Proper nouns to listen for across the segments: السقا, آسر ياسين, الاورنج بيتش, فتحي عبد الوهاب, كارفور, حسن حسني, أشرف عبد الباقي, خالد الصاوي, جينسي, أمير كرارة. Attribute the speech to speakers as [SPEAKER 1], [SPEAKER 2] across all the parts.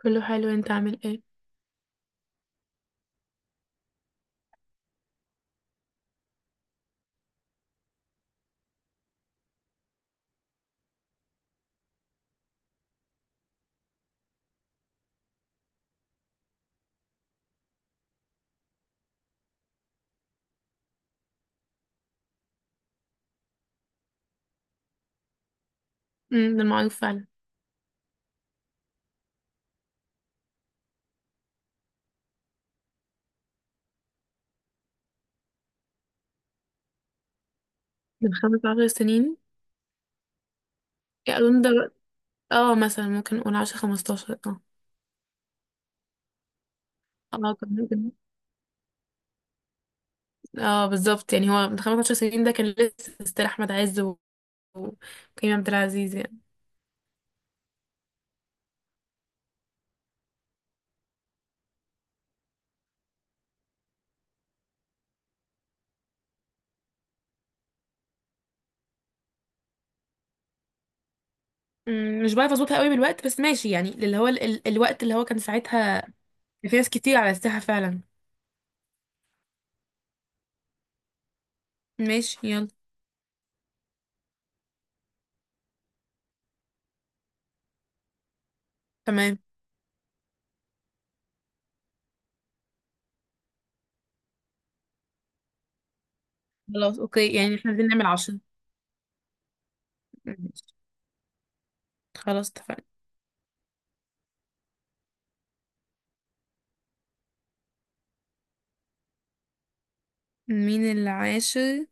[SPEAKER 1] كله حلو. انت عامل ايه؟ ده معروف فعلا. من 15 سنين؟ يعني اظن اه، مثلا ممكن نقول 10 15. اه، اه كان ممكن. اه بالظبط، يعني هو من 15 سنين ده كان لسه ستيل احمد عز وكريم عبد العزيز يعني. مش بعرف اظبطها قوي بالوقت، بس ماشي. يعني اللي هو ال الوقت اللي هو كان ساعتها. كان في ناس كتير على الساحة فعلا. ماشي يلا. تمام. خلاص اوكي، يعني احنا عايزين نعمل عشرة. ماشي. خلاص اتفقنا. مين العاشر؟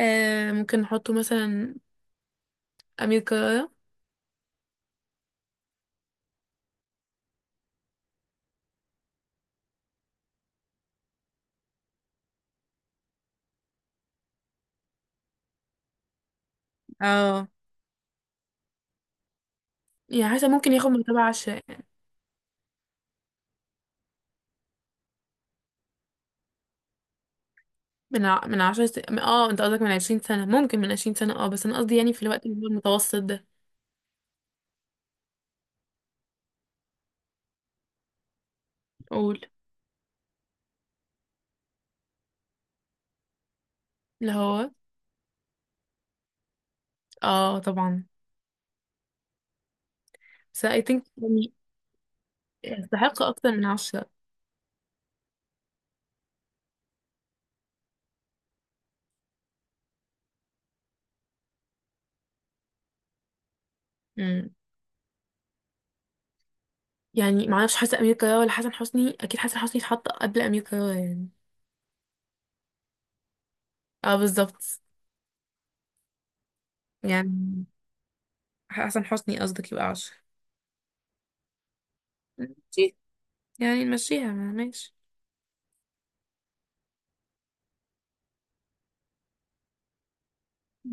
[SPEAKER 1] ممكن نحطه مثلا أمير كرارة. اه يعني حاسه ممكن ياخد من تبع عش... من ع... من عشر س... من- اه انت قصدك من 20 سنه؟ ممكن، من 20 سنه اه. بس انا قصدي يعني في الوقت اللي هو المتوسط ده. قول. اللي هو اه طبعا. بس I think يعني يستحق اكتر من عشرة. امم يعني معرفش، حاسه امير كرارة ولا حسن حسني؟ اكيد حسن حسني اتحط قبل امير كرارة يعني. اه بالظبط. يعني حسن حسني قصدك يبقى عشرة. ماشي. يعني نمشيها ما- ماشي.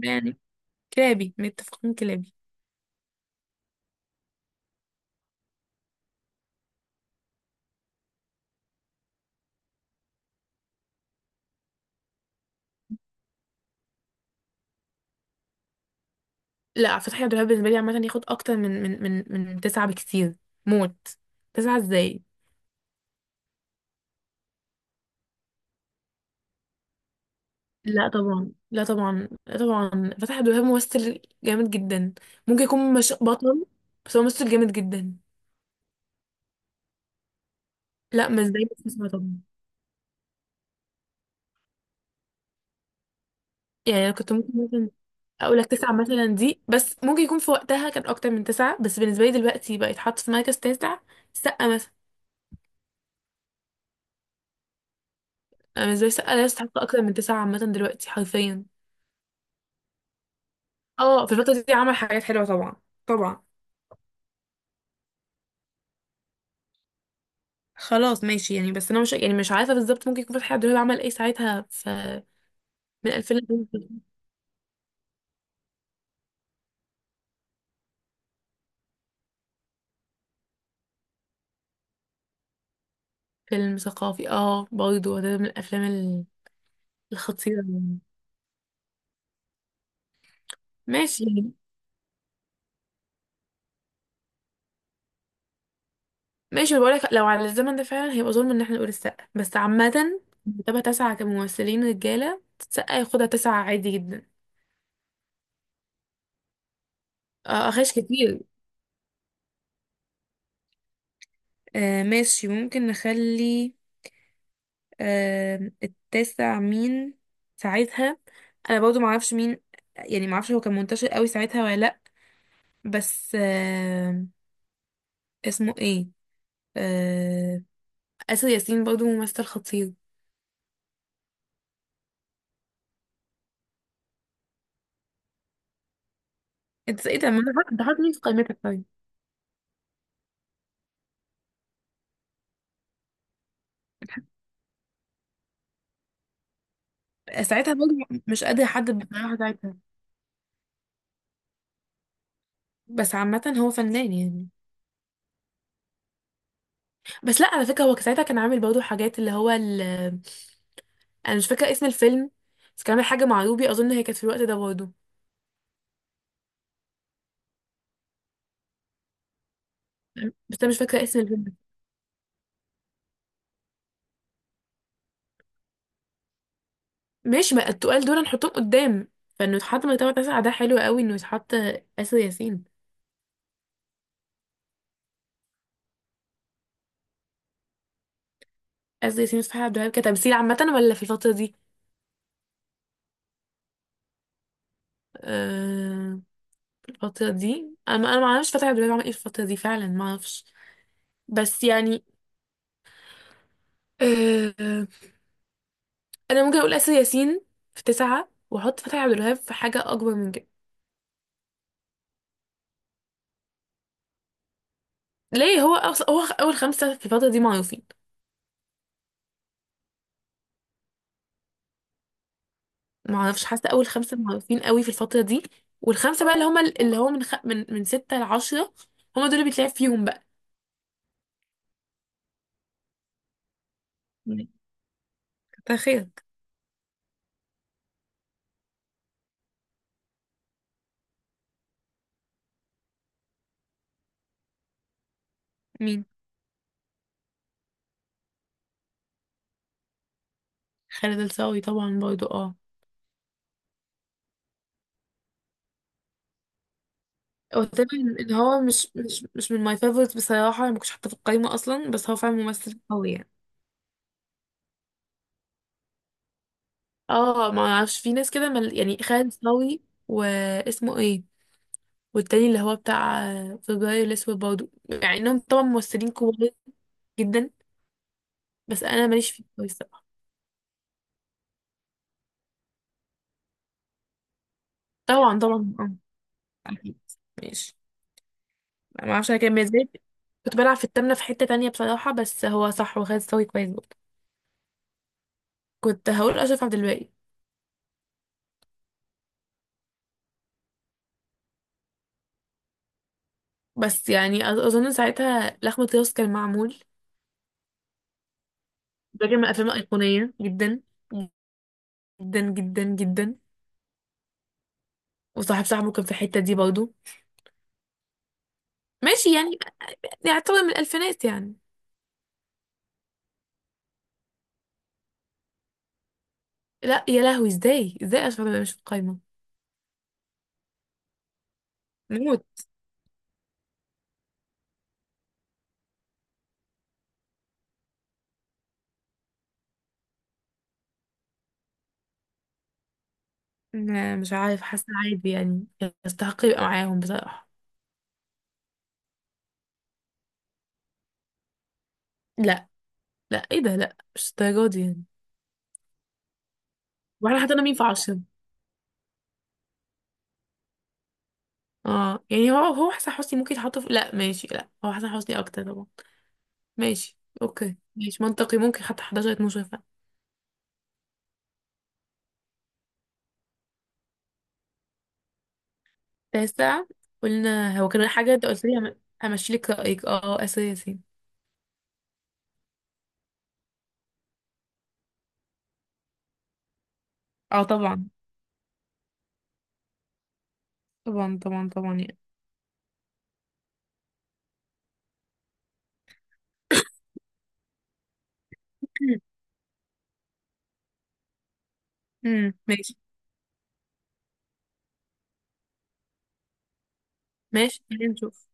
[SPEAKER 1] يعني كلابي متفقين كلابي. لا، فتحي عبد الوهاب بالنسبه لي عامه ياخد اكتر من تسعة بكتير. موت. تسعة ازاي؟ لا طبعا، لا طبعا، لا طبعا، فتحي عبد الوهاب ممثل جامد جدا. ممكن يكون مش بطل، بس هو ممثل جامد جدا. لا مش زي تسعة طبعا. يعني انا كنت ممكن مثلا اقول لك تسعة مثلا دي، بس ممكن يكون في وقتها كان اكتر من تسعة. بس بالنسبه لي دلوقتي بقى يتحط في مركز تاسع. سقا مثلا. أنا بالنسبه لي سقا لا يستحق اكتر من تسعة عامه دلوقتي حرفيا. اه في الفتره دي عمل حاجات حلوه طبعا. طبعا. خلاص ماشي يعني. بس انا مش يعني مش عارفه بالظبط ممكن يكون فتحي عبد الوهاب عمل ايه ساعتها. ف من 2000 لألفين واتنين. فيلم ثقافي، اه برضه ده من الافلام الخطيره يعني. ماشي يعني. ماشي، بقول لك لو على الزمن ده فعلا هيبقى ظلم ان احنا نقول السقا. بس عامه مرتبه تسعه كممثلين رجاله السقا ياخدها تسعه عادي جدا. اه اخش كتير. آه ماشي، ممكن نخلي. آه، التاسع مين ساعتها؟ انا برضه معرفش مين، يعني معرفش هو كان منتشر قوي ساعتها ولا لأ. بس اسمه ايه؟ آه، آسر ياسين برضو ممثل خطير. انت ايه ده، ما انا حاط- ده حاطط مين في قائمتك طيب؟ ساعتها برضو مش قادرة احدد بصراحة ساعتها. بس عامة هو فنان يعني. بس لا على فكرة هو ساعتها كان عامل برضو حاجات اللي هو انا مش فاكرة اسم الفيلم. بس كان عامل حاجة مع روبي، اظن هي كانت في الوقت ده برضو. بس انا مش فاكرة اسم الفيلم. ماشي، ما التقال دول نحطهم قدام. فانه يتحط مرتبة تسعة ده حلو قوي، انه يتحط آسر ياسين. آسر ياسين وفتحي عبد الوهاب كتمثيل عامة ولا في الفترة دي؟ آه، الفترة دي انا، ما اعرفش فترة دلوقتي بعمل ايه في الفترة دي فعلا، ما اعرفش. بس يعني آه، انا ممكن اقول اسر ياسين في تسعة واحط فتحي عبد الوهاب في حاجة اكبر من كده. ليه هو هو اول خمسة في الفترة دي معروفين. ما اعرفش، حاسة اول خمسة معروفين قوي في الفترة دي. والخمسة بقى اللي هما اللي هو من خ... من من ستة لعشرة، هما دول اللي بيتلعب فيهم بقى. تخيل. مين؟ خالد الصاوي طبعا برضو اه. هو تقريبا ان هو مش من ماي فيفورت بصراحه، ما كنتش حاطه في القايمه اصلا، بس هو فعلا ممثل قوي يعني. اه ما اعرفش، في ناس كده يعني خالد صاوي واسمه ايه، والتاني اللي هو بتاع فبراير الاسود برضه، يعني انهم طبعا ممثلين كبار جدا. بس انا ماليش فيه قوي الصراحه. طبعا طبعا اه، اكيد. ماشي. ما اعرفش انا كان ازاي، كنت بلعب في التامنة في حتة تانية بصراحة. بس هو صح، وخالد صاوي كويس برضه. كنت هقول أشرف عبد الباقي. بس يعني أظن ساعتها لخمة راس كان معمول، بجمع افلام ايقونيه جدا جدا جدا جدا. وصاحب صاحبه كان في الحته دي برضه. ماشي يعني، يعتبر من الالفينات يعني. لا يا لهوي، ازاي ازاي اشرف ده مش في القايمه؟ موت. مش عارف، حاسه عادي يعني، يستحق يبقى معاهم بصراحه. لا لا، ايه ده، لا مش الدرجه دي يعني. واحنا حطينا مين في عشرة؟ اه يعني هو، حسن حسني ممكن يتحط في، لا ماشي، لا هو حسن حسني اكتر طبعا. ماشي اوكي، ماشي منطقي، ممكن حتى 11 12. تاسع قلنا هو كان حاجة، انت قلت لي همشي لك رأيك اه اساسي. اه طبعا طبعا طبعا طبعا يعني. أمم، ماشي. ماشي خلينا نشوف.